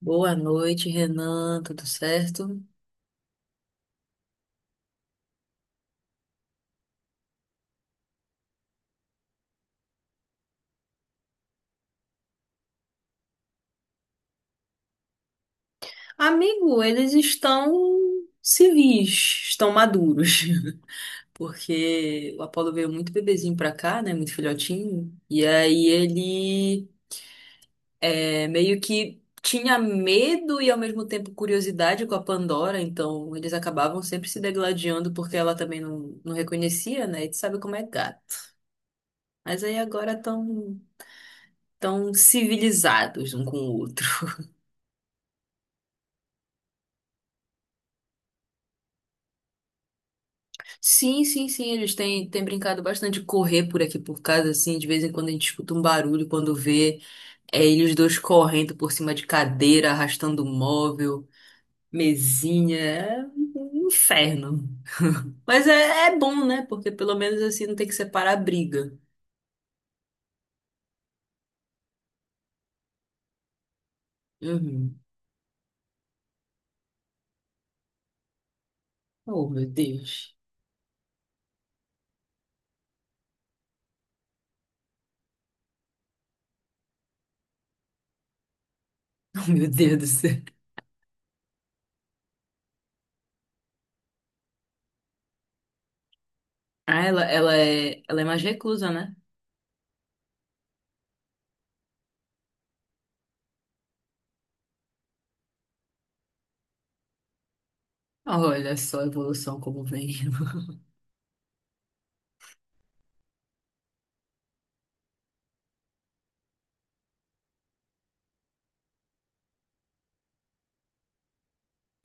Boa noite, Renan. Tudo certo? Amigo, eles estão civis, estão maduros. Porque o Apolo veio muito bebezinho pra cá, né? Muito filhotinho. E aí ele meio que tinha medo e ao mesmo tempo curiosidade com a Pandora. Então eles acabavam sempre se degladiando porque ela também não reconhecia, né? E tu sabe como é gato. Mas aí agora estão tão tão civilizados um com o outro. Sim, sim, sim, eles têm brincado bastante de correr por aqui por casa, assim, de vez em quando a gente escuta um barulho, quando vê, é eles dois correndo por cima de cadeira, arrastando móvel, mesinha, um inferno. Mas é bom, né? Porque pelo menos assim não tem que separar a briga. Uhum. Oh, meu Deus. Oh, meu Deus do céu. Ah, ela é mais reclusa, né? Olha só a evolução como vem.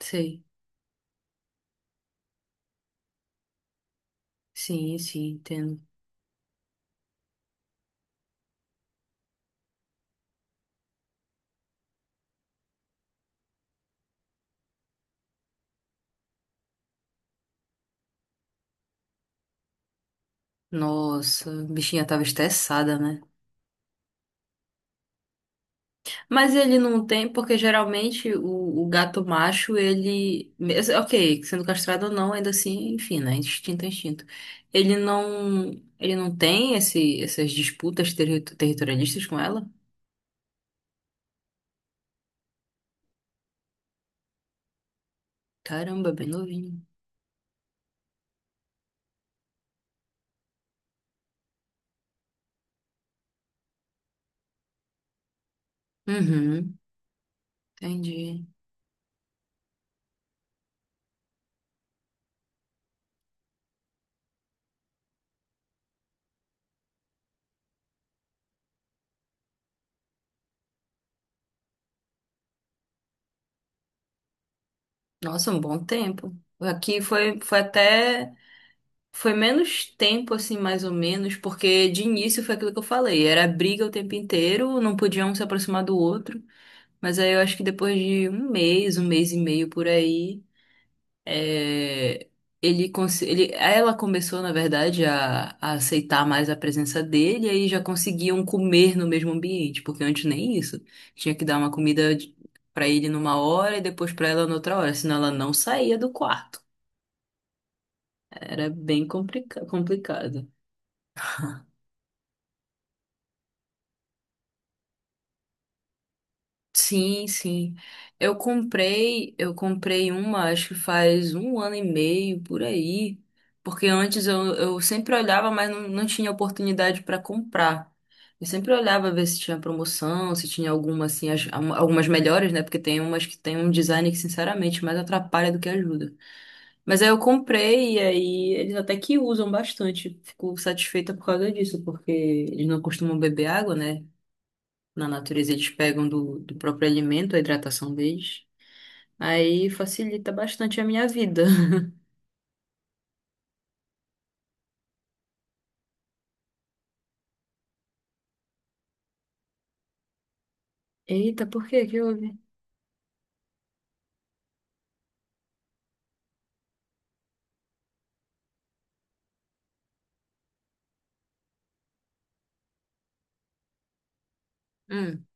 Sei. Sim, sim, entendo. Nossa, a bichinha tava estressada, né? Mas ele não tem, porque geralmente o gato macho, Ok, sendo castrado ou não, ainda assim, enfim, né? Instinto é instinto. Ele não. Ele não tem essas disputas territorialistas com ela? Caramba, bem novinho. Uhum, entendi. Nossa, um bom tempo. Aqui foi, foi até. Foi menos tempo, assim, mais ou menos, porque de início foi aquilo que eu falei, era briga o tempo inteiro, não podia um se aproximar do outro, mas aí eu acho que depois de um mês e meio por aí, é, ela começou, na verdade, a aceitar mais a presença dele, e aí já conseguiam comer no mesmo ambiente, porque antes nem isso, tinha que dar pra ele numa hora e depois pra ela noutra hora, senão ela não saía do quarto. Era bem complicado. Sim, sim. Eu comprei uma, acho que faz um ano e meio por aí, porque antes eu sempre olhava, mas não tinha oportunidade para comprar. Eu sempre olhava ver se tinha promoção, se tinha alguma assim, algumas melhores, né? Porque tem umas que tem um design que, sinceramente, mais atrapalha do que ajuda. Mas aí eu comprei e aí eles até que usam bastante. Fico satisfeita por causa disso, porque eles não costumam beber água, né? Na natureza eles pegam do próprio alimento, a hidratação deles. Aí facilita bastante a minha vida. Eita, por que que houve? Hum.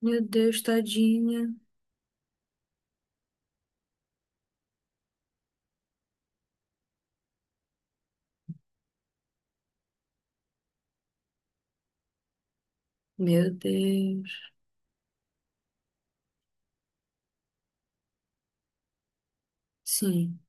Meu Deus, tadinha. Meu Deus. Sim.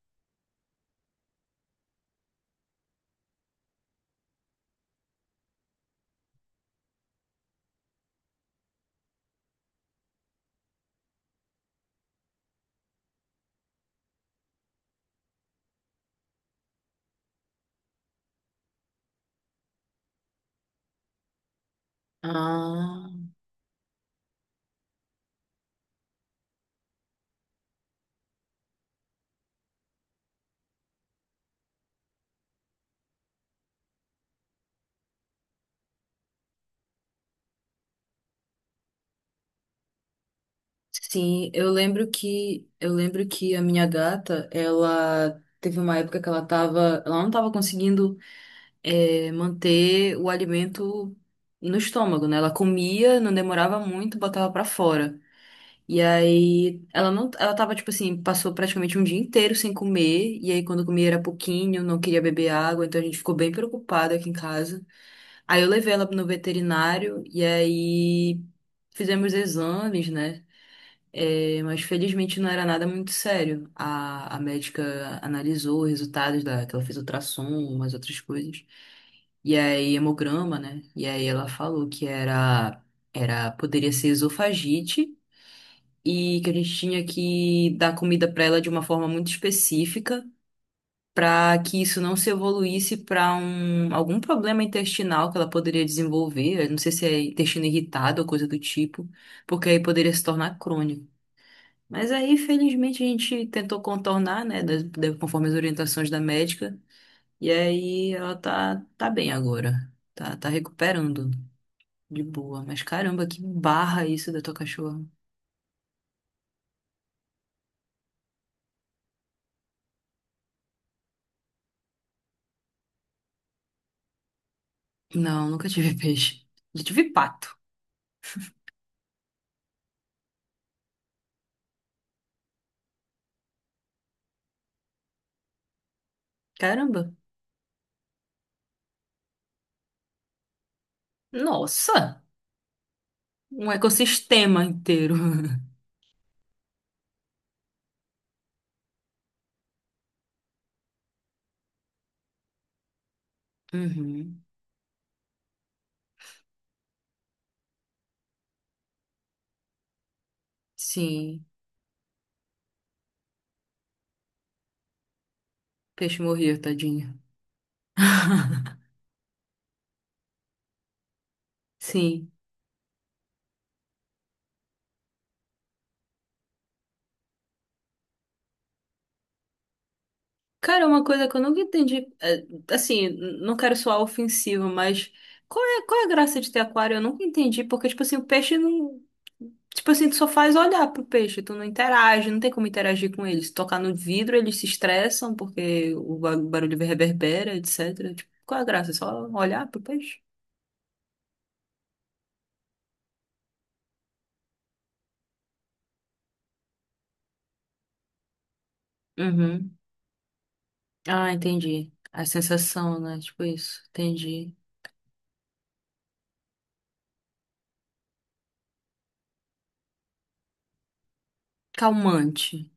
Ah, sim, eu lembro que a minha gata, ela teve uma época que ela não tava conseguindo manter o alimento no estômago, né? Ela comia, não demorava muito, botava pra fora. E aí, ela não, ela tava, tipo assim, passou praticamente um dia inteiro sem comer, e aí quando comia era pouquinho, não queria beber água, então a gente ficou bem preocupada aqui em casa. Aí eu levei ela no veterinário, e aí fizemos exames, né? É, mas felizmente não era nada muito sério. A médica analisou os resultados da, que ela fez ultrassom, umas outras coisas. E aí, hemograma, né? E aí ela falou era, poderia ser esofagite, e que a gente tinha que dar comida para ela de uma forma muito específica, para que isso não se evoluísse para algum problema intestinal que ela poderia desenvolver. Eu não sei se é intestino irritado ou coisa do tipo, porque aí poderia se tornar crônico. Mas aí, felizmente, a gente tentou contornar, né, conforme as orientações da médica, e aí ela tá bem agora. Tá recuperando de boa. Mas caramba, que barra isso da tua cachorra. Não, nunca tive peixe. Já tive pato. Caramba. Nossa, um ecossistema inteiro. Uhum. Sim, peixe morria, tadinho. Sim. Cara, uma coisa que eu nunca entendi, assim, não quero soar ofensivo, mas qual é a graça de ter aquário? Eu nunca entendi, porque, tipo assim, o peixe não. Tipo assim, tu só faz olhar pro peixe, tu não interage, não tem como interagir com eles. Tocar no vidro, eles se estressam porque o barulho reverbera, etc. Tipo, qual é a graça? Só olhar pro peixe? Uhum. Ah, entendi. A sensação, né? Tipo isso. Entendi. Calmante.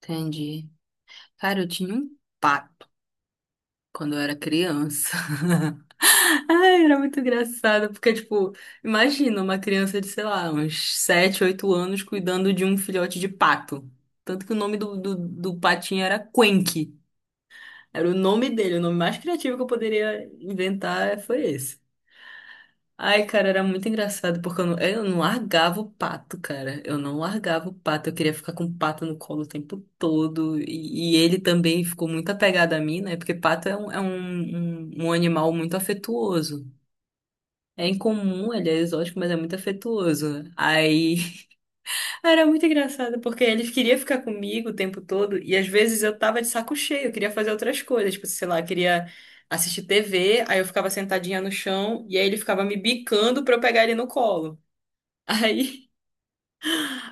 Entendi. Cara, eu tinha um pato quando eu era criança. Ai, era muito engraçado, porque, tipo, imagina uma criança de, sei lá, uns 7, 8 anos cuidando de um filhote de pato. Tanto que o nome do patinho era Quenque. Era o nome dele, o nome mais criativo que eu poderia inventar foi esse. Ai, cara, era muito engraçado, porque eu não largava o pato, cara. Eu não largava o pato. Eu queria ficar com o pato no colo o tempo todo. E ele também ficou muito apegado a mim, né? Porque pato é um animal muito afetuoso. É incomum, ele é exótico, mas é muito afetuoso. Aí era muito engraçado, porque eles queriam ficar comigo o tempo todo, e às vezes eu tava de saco cheio, eu queria fazer outras coisas, tipo, sei lá, eu queria assistir TV, aí eu ficava sentadinha no chão, e aí ele ficava me bicando pra eu pegar ele no colo. Aí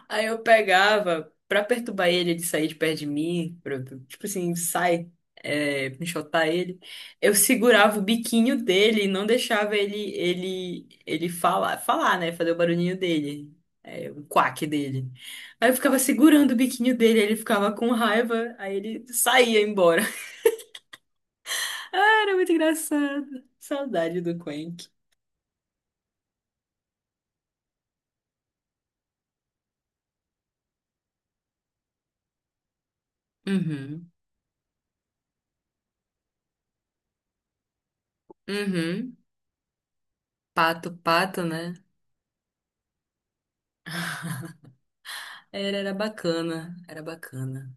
Aí eu pegava, pra perturbar ele, ele sair de perto de mim, tipo assim, sai, me chotar ele. Eu segurava o biquinho dele e não deixava ele falar, né? Fazer o barulhinho dele, o quack dele. Aí eu ficava segurando o biquinho dele, ele ficava com raiva, aí ele saía embora. Ah, era muito engraçado. Saudade do Quenk. Uhum, uhum. Pato, pato, né? Era era bacana, era bacana.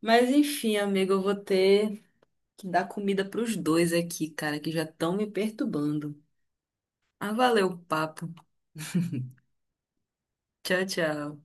Mas enfim, amigo, eu vou ter que dar comida pros dois aqui, cara, que já estão me perturbando. Ah, valeu o papo. Tchau, tchau.